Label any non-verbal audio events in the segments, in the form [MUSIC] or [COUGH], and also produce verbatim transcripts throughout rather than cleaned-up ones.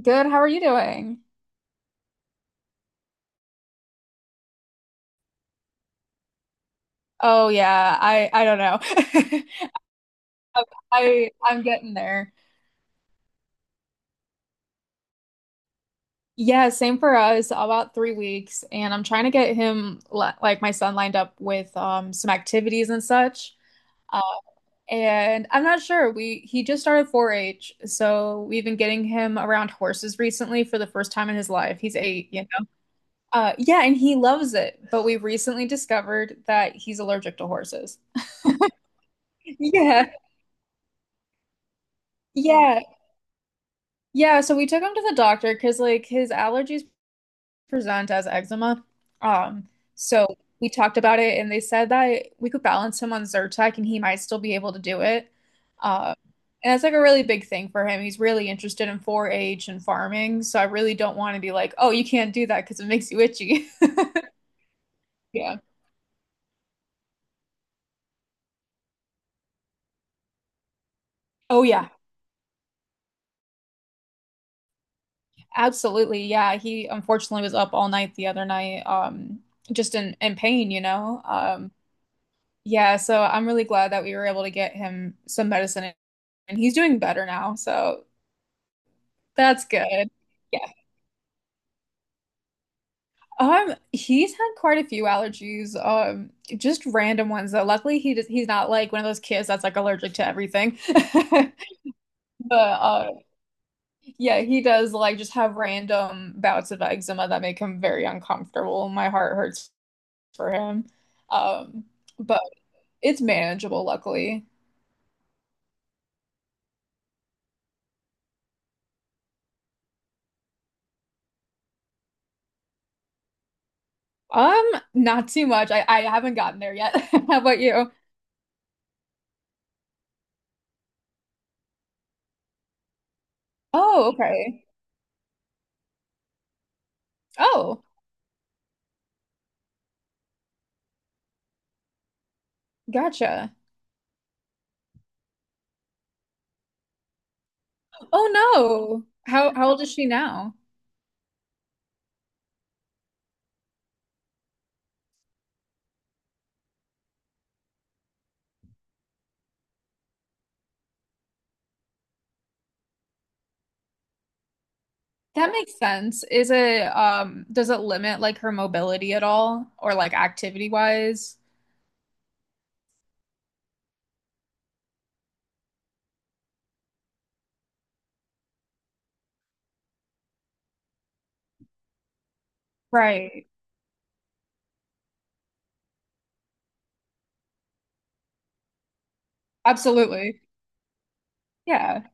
Good. How are you doing? Oh yeah, I I don't know. [LAUGHS] I I- I'm getting there. Yeah, same for us. About three weeks, and I'm trying to get him li- like my son lined up with um some activities and such. um, And I'm not sure. We He just started four-H, so we've been getting him around horses recently for the first time in his life. He's eight, you know. Uh, yeah, and he loves it. But we recently discovered that he's allergic to horses. [LAUGHS] Yeah, yeah. Yeah, so we took him to the doctor because like his allergies present as eczema. Um, so we talked about it and they said that we could balance him on Zyrtec and he might still be able to do it. Uh, and that's like a really big thing for him. He's really interested in four-H and farming, so I really don't want to be like, "Oh, you can't do that because it makes you itchy." [LAUGHS] Yeah. Oh yeah, absolutely. Yeah, he unfortunately was up all night the other night, um, just in in pain, you know. Um, Yeah, so I'm really glad that we were able to get him some medicine and he's doing better now. So that's good. Yeah. Um, he's had quite a few allergies, um, just random ones though. Luckily he does, he's not like one of those kids that's like allergic to everything. [LAUGHS] But uh, yeah, he does like just have random bouts of eczema that make him very uncomfortable. My heart hurts for him. Um, but it's manageable, luckily. Um, Not too much. I, I haven't gotten there yet. [LAUGHS] How about you? Oh, okay. Oh, gotcha. Oh no. How how old is she now? That makes sense. Is it um does it limit like her mobility at all, or like activity wise? Right. Absolutely. Yeah.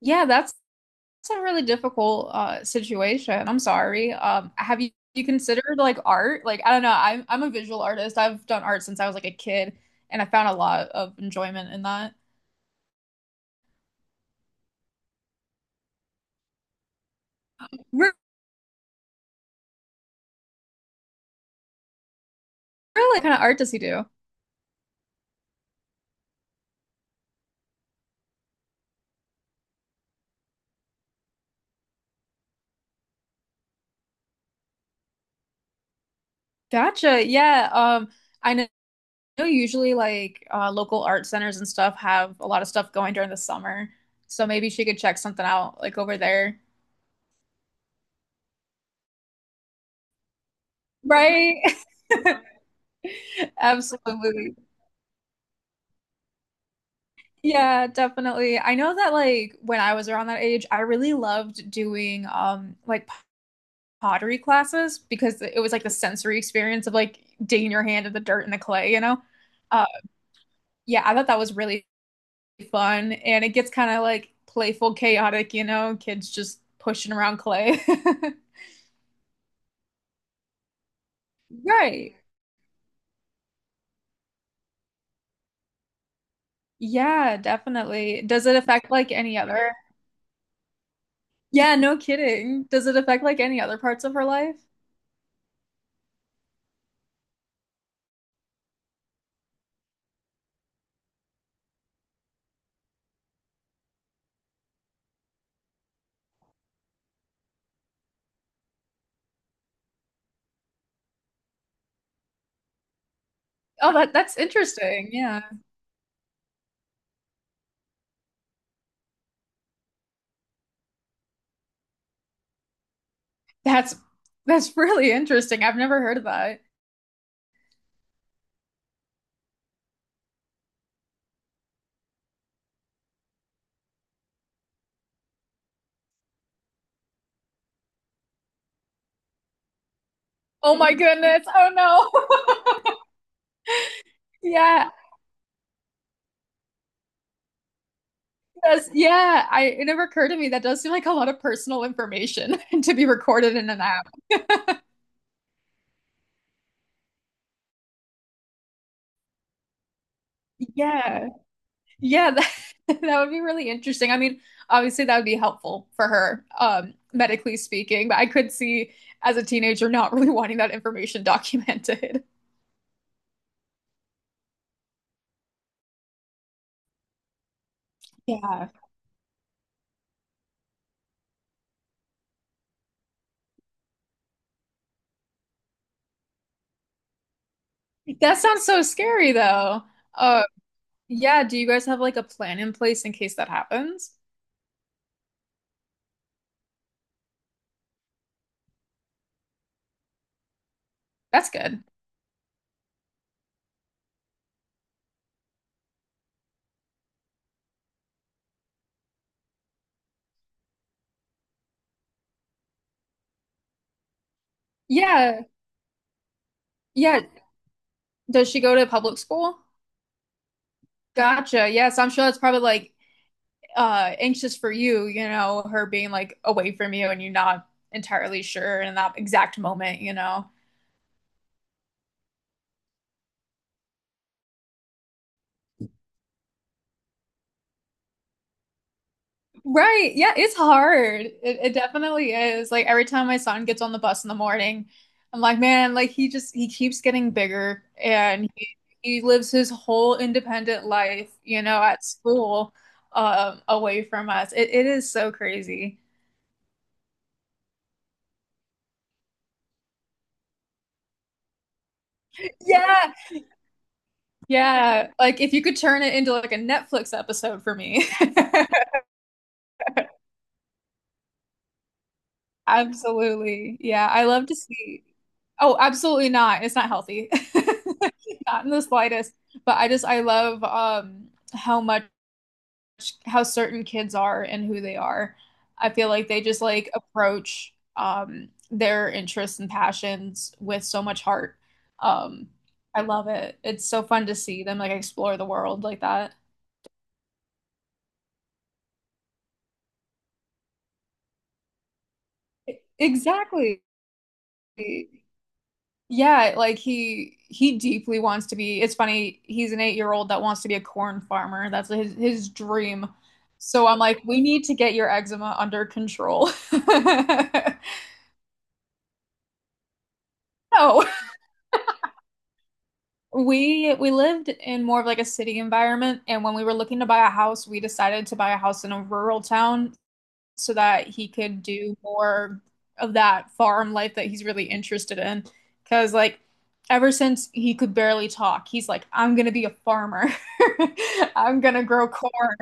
Yeah, that's, that's a really difficult uh situation. I'm sorry. Um have you, you considered like art? Like I don't know. I'm I'm a visual artist. I've done art since I was like a kid and I found a lot of enjoyment in that. Re- Really? What kind of art does he do? Gotcha. Yeah. Um, I know know usually like uh, local art centers and stuff have a lot of stuff going during the summer. So maybe she could check something out like over there. Right. [LAUGHS] Absolutely. Yeah, definitely. I know that like when I was around that age, I really loved doing um like pottery classes because it was like the sensory experience of like digging your hand in the dirt and the clay, you know? Uh yeah, I thought that was really fun and it gets kind of like playful, chaotic, you know, kids just pushing around clay. [LAUGHS] Right. Yeah, definitely. Does it affect like any other? Yeah, no kidding. Does it affect like any other parts of her life? Oh, that that's interesting. Yeah. That's that's really interesting. I've never heard of that. Oh my goodness. Oh no. [LAUGHS] Yeah. That's, yeah, I it never occurred to me that does seem like a lot of personal information [LAUGHS] to be recorded in an app. Yeah. Yeah, that, [LAUGHS] that would be really interesting. I mean, obviously that would be helpful for her, um, medically speaking, but I could see as a teenager not [LAUGHS] really wanting that information documented. Yeah. That sounds so scary though. Uh, yeah, do you guys have like a plan in place in case that happens? That's good. Yeah. Yeah. Does she go to public school? Gotcha. Yes, I'm sure that's probably like uh anxious for you, you know, her being like away from you and you not entirely sure in that exact moment, you know. Right. Yeah, it's hard. It, it definitely is. Like every time my son gets on the bus in the morning, I'm like, man, like he just he keeps getting bigger and he, he lives his whole independent life, you know, at school, um, away from us. It it is so crazy. Yeah. Yeah. Like if you could turn it into like a Netflix episode for me. [LAUGHS] Absolutely. Yeah, I love to see. Oh, absolutely not. It's not healthy. [LAUGHS] Not in the slightest. But I just I love um how much how certain kids are and who they are. I feel like they just like approach um their interests and passions with so much heart. Um I love it. It's so fun to see them like explore the world like that. Exactly. Yeah, like he he deeply wants to be. It's funny, he's an eight-year-old that wants to be a corn farmer. That's his his dream. So I'm like, we need to get your eczema under control. [LAUGHS] No, we we lived in more of like a city environment, and when we were looking to buy a house, we decided to buy a house in a rural town so that he could do more of that farm life that he's really interested in. Because, like, ever since he could barely talk, he's like, I'm gonna be a farmer. [LAUGHS] I'm gonna grow corn.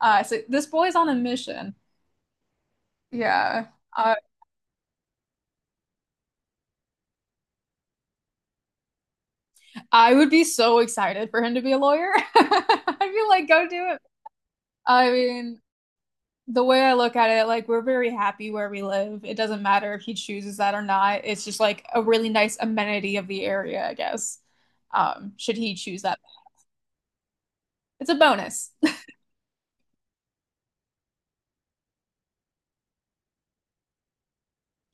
Uh, so this boy's on a mission. Yeah. Uh, I would be so excited for him to be a lawyer. [LAUGHS] I'd be like, go do it. I mean, the way I look at it, like we're very happy where we live. It doesn't matter if he chooses that or not. It's just like a really nice amenity of the area, I guess. Um, should he choose that? It's a bonus. [LAUGHS]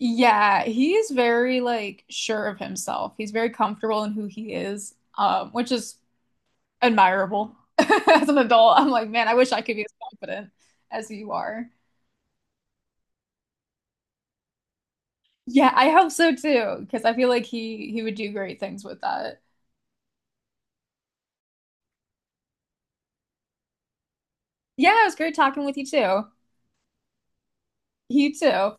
Yeah, he is very like sure of himself. He's very comfortable in who he is, um, which is admirable. [LAUGHS] As an adult, I'm like, man, I wish I could be as confident as you are. Yeah, I hope so too, because I feel like he he would do great things with that. Yeah, it was great talking with you too. You too.